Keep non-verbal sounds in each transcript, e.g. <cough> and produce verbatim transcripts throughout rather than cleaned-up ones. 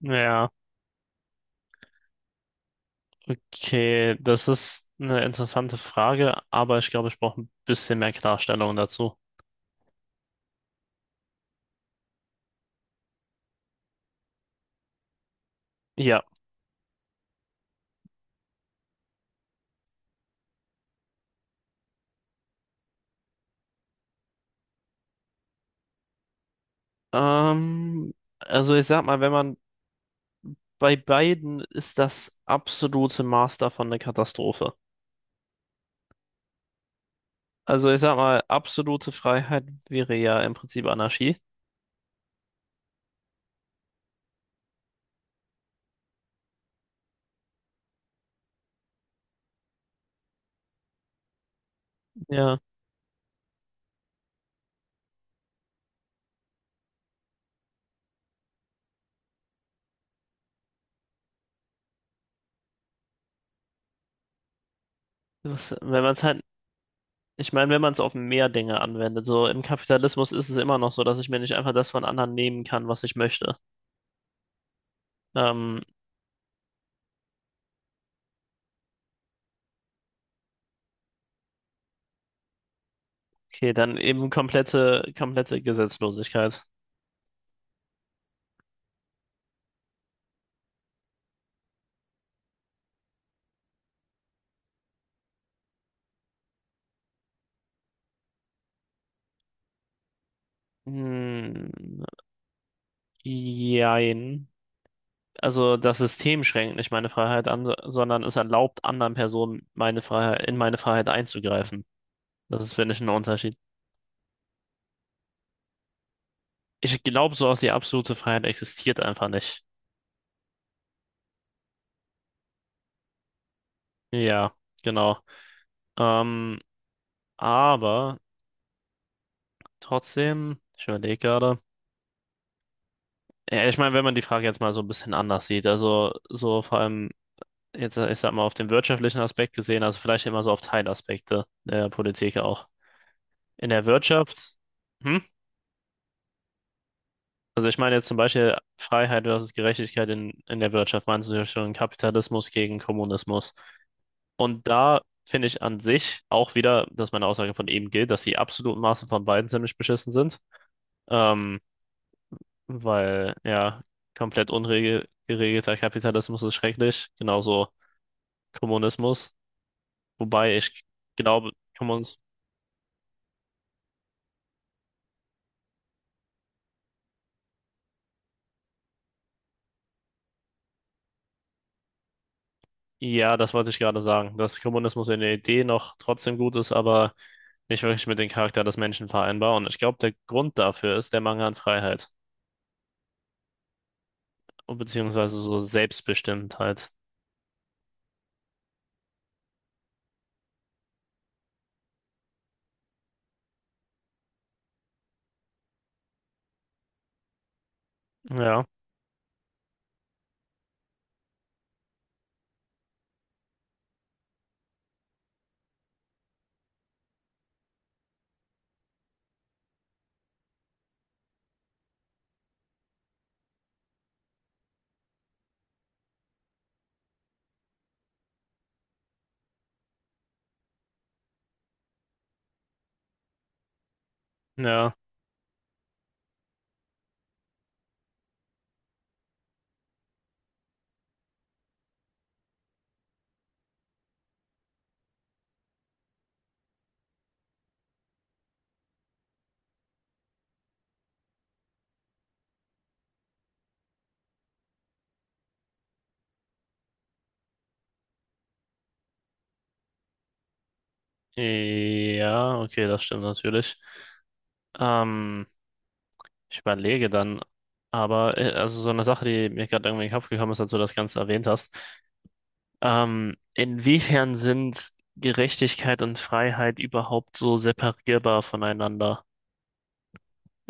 Ja, okay, das ist eine interessante Frage, aber ich glaube, ich brauche ein bisschen mehr Klarstellung dazu. Ja, ähm, also ich sag mal, wenn man bei beiden ist, das absolute Maß davon eine Katastrophe. Also ich sag mal, absolute Freiheit wäre ja im Prinzip Anarchie. Ja, das, wenn man es halt, ich meine, wenn man es auf mehr Dinge anwendet, so im Kapitalismus ist es immer noch so, dass ich mir nicht einfach das von anderen nehmen kann, was ich möchte. Ähm, Okay, dann eben komplette, komplette Gesetzlosigkeit. Hm, jein. Also das System schränkt nicht meine Freiheit an, sondern es erlaubt anderen Personen meine Freiheit, in meine Freiheit einzugreifen. Das ist, finde ich, ein Unterschied. Ich glaube, so sowas, die absolute Freiheit existiert einfach nicht. Ja, genau. Ähm, aber trotzdem, ich überlege gerade. Ja, ich meine, wenn man die Frage jetzt mal so ein bisschen anders sieht, also so vor allem. Jetzt, äh, ich sag mal, auf den wirtschaftlichen Aspekt gesehen, also vielleicht immer so auf Teilaspekte der Politik auch. In der Wirtschaft, hm? Also ich meine jetzt zum Beispiel Freiheit versus Gerechtigkeit in, in der Wirtschaft, meinst du ja schon Kapitalismus gegen Kommunismus. Und da finde ich an sich auch wieder, dass meine Aussage von eben gilt, dass die absoluten Maßen von beiden ziemlich beschissen sind. Ähm, Weil ja, komplett ungeregelter Kapitalismus ist schrecklich, genauso Kommunismus. Wobei ich glaube, ja, das wollte ich gerade sagen, dass Kommunismus in der Idee noch trotzdem gut ist, aber nicht wirklich mit dem Charakter des Menschen vereinbar. Und ich glaube, der Grund dafür ist der Mangel an Freiheit, beziehungsweise so Selbstbestimmtheit. Ja, ja, ja, okay, das stimmt natürlich. Ähm, Ich überlege dann, aber äh, also so eine Sache, die mir gerade irgendwie in den Kopf gekommen ist, als du das Ganze erwähnt hast. Ähm, inwiefern sind Gerechtigkeit und Freiheit überhaupt so separierbar voneinander?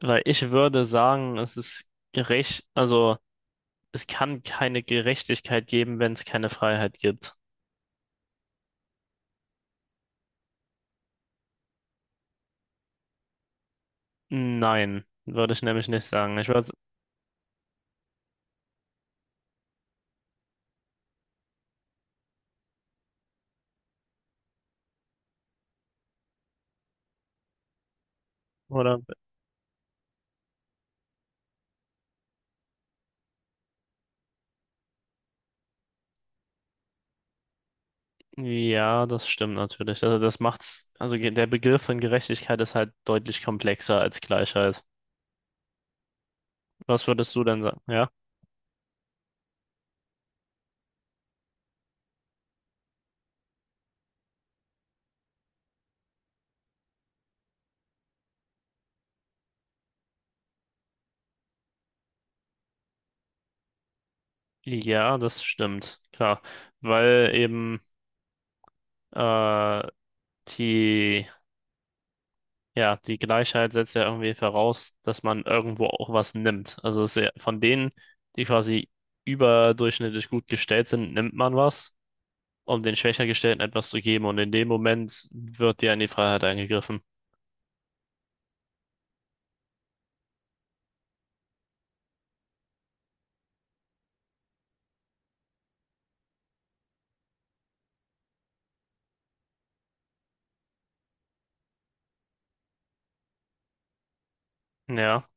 Weil ich würde sagen, es ist gerecht, also es kann keine Gerechtigkeit geben, wenn es keine Freiheit gibt. Nein, würde ich nämlich nicht sagen. Ich würde, oder, ja, das stimmt natürlich. Also das macht's, also ge- der Begriff von Gerechtigkeit ist halt deutlich komplexer als Gleichheit. Was würdest du denn sagen? Ja? Ja, das stimmt, klar. Weil eben äh, die, ja, die Gleichheit setzt ja irgendwie voraus, dass man irgendwo auch was nimmt. Also es ist ja von denen, die quasi überdurchschnittlich gut gestellt sind, nimmt man was, um den schwächer gestellten etwas zu geben. Und in dem Moment wird dir in die Freiheit eingegriffen. Ja,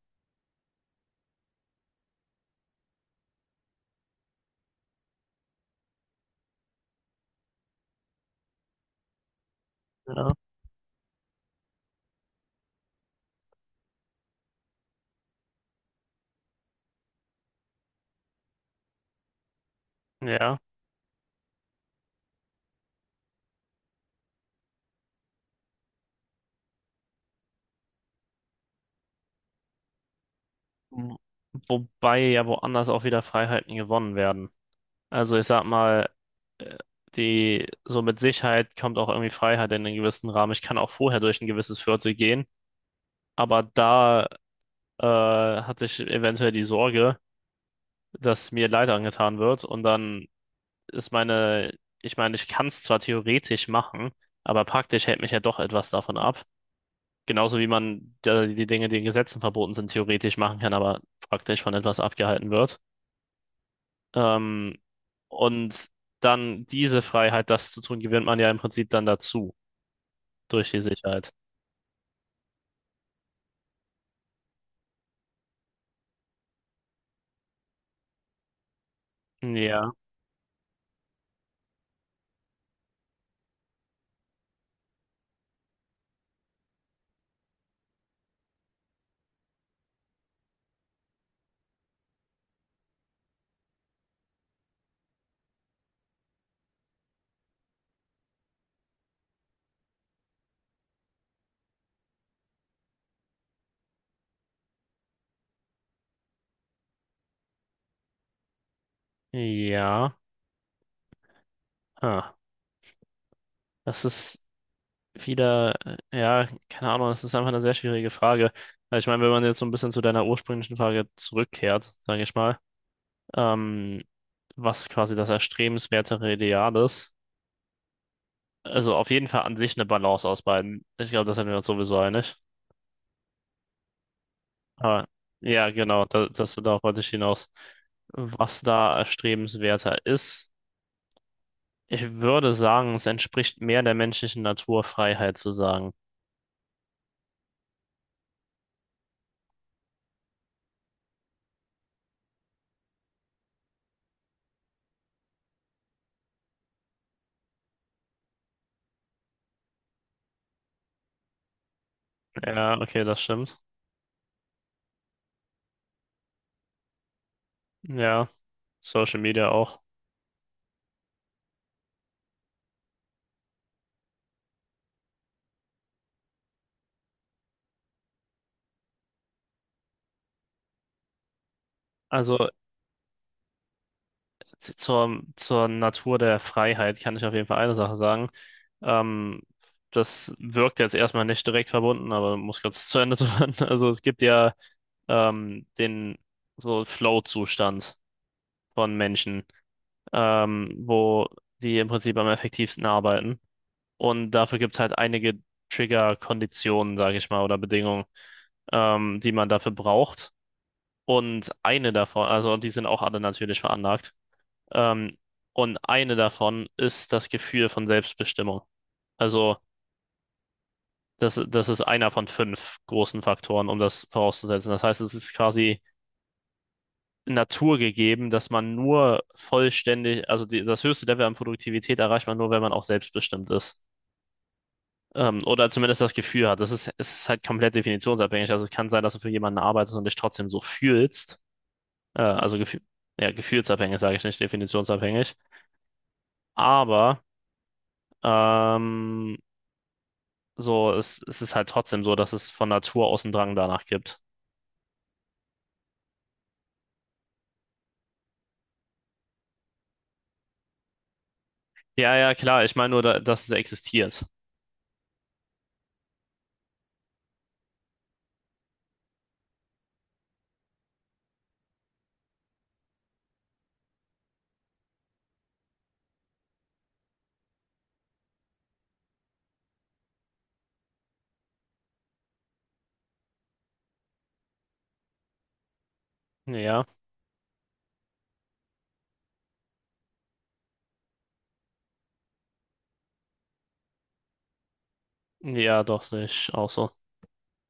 ja, ja. Wo- wobei ja woanders auch wieder Freiheiten gewonnen werden. Also ich sag mal, äh, die, so mit Sicherheit kommt auch irgendwie Freiheit in einen gewissen Rahmen. Ich kann auch vorher durch ein gewisses Viertel gehen, aber da äh, hatte ich eventuell die Sorge, dass mir Leid angetan wird. Und dann ist meine, ich meine, ich kann es zwar theoretisch machen, aber praktisch hält mich ja doch etwas davon ab. Genauso wie man äh, die Dinge, die in Gesetzen verboten sind, theoretisch machen kann, aber praktisch von etwas abgehalten wird. Ähm, und dann diese Freiheit, das zu tun, gewinnt man ja im Prinzip dann dazu, durch die Sicherheit. Ja, ja. Ah, das ist, wieder, äh, ja, keine Ahnung, das ist einfach eine sehr schwierige Frage. Also ich meine, wenn man jetzt so ein bisschen zu deiner ursprünglichen Frage zurückkehrt, sage ich mal, ähm, was quasi das erstrebenswertere Ideal ist, also auf jeden Fall an sich eine Balance aus beiden. Ich glaube, das sind wir uns sowieso einig. Aber ja, genau, da, das, darauf wollte ich hinaus. Was da erstrebenswerter ist, ich würde sagen, es entspricht mehr der menschlichen Natur, Freiheit zu sagen. Ja, okay, das stimmt. Ja, Social Media auch. Also Z- zur, zur Natur der Freiheit kann ich auf jeden Fall eine Sache sagen. Ähm, Das wirkt jetzt erstmal nicht direkt verbunden, aber muss kurz zu Ende zu hören. <laughs> Also es gibt ja ähm, den so Flow-Zustand von Menschen, ähm, wo die im Prinzip am effektivsten arbeiten. Und dafür gibt es halt einige Trigger-Konditionen, sage ich mal, oder Bedingungen, ähm, die man dafür braucht. Und eine davon, also und die sind auch alle natürlich veranlagt. Ähm, und eine davon ist das Gefühl von Selbstbestimmung. Also, das, das ist einer von fünf großen Faktoren, um das vorauszusetzen. Das heißt, es ist quasi naturgegeben, dass man nur vollständig, also die, das höchste Level an Produktivität erreicht man nur, wenn man auch selbstbestimmt ist. Ähm, oder zumindest das Gefühl hat. Das ist, es ist halt komplett definitionsabhängig. Also es kann sein, dass du für jemanden arbeitest und dich trotzdem so fühlst. Äh, also Gefühl, ja, gefühlsabhängig, sage ich nicht, definitionsabhängig. Aber ähm, so, es, es ist halt trotzdem so, dass es von Natur aus einen Drang danach gibt. Ja, ja, klar. Ich meine nur, da, dass es existiert. Ja, ja, doch, sehe ich auch so.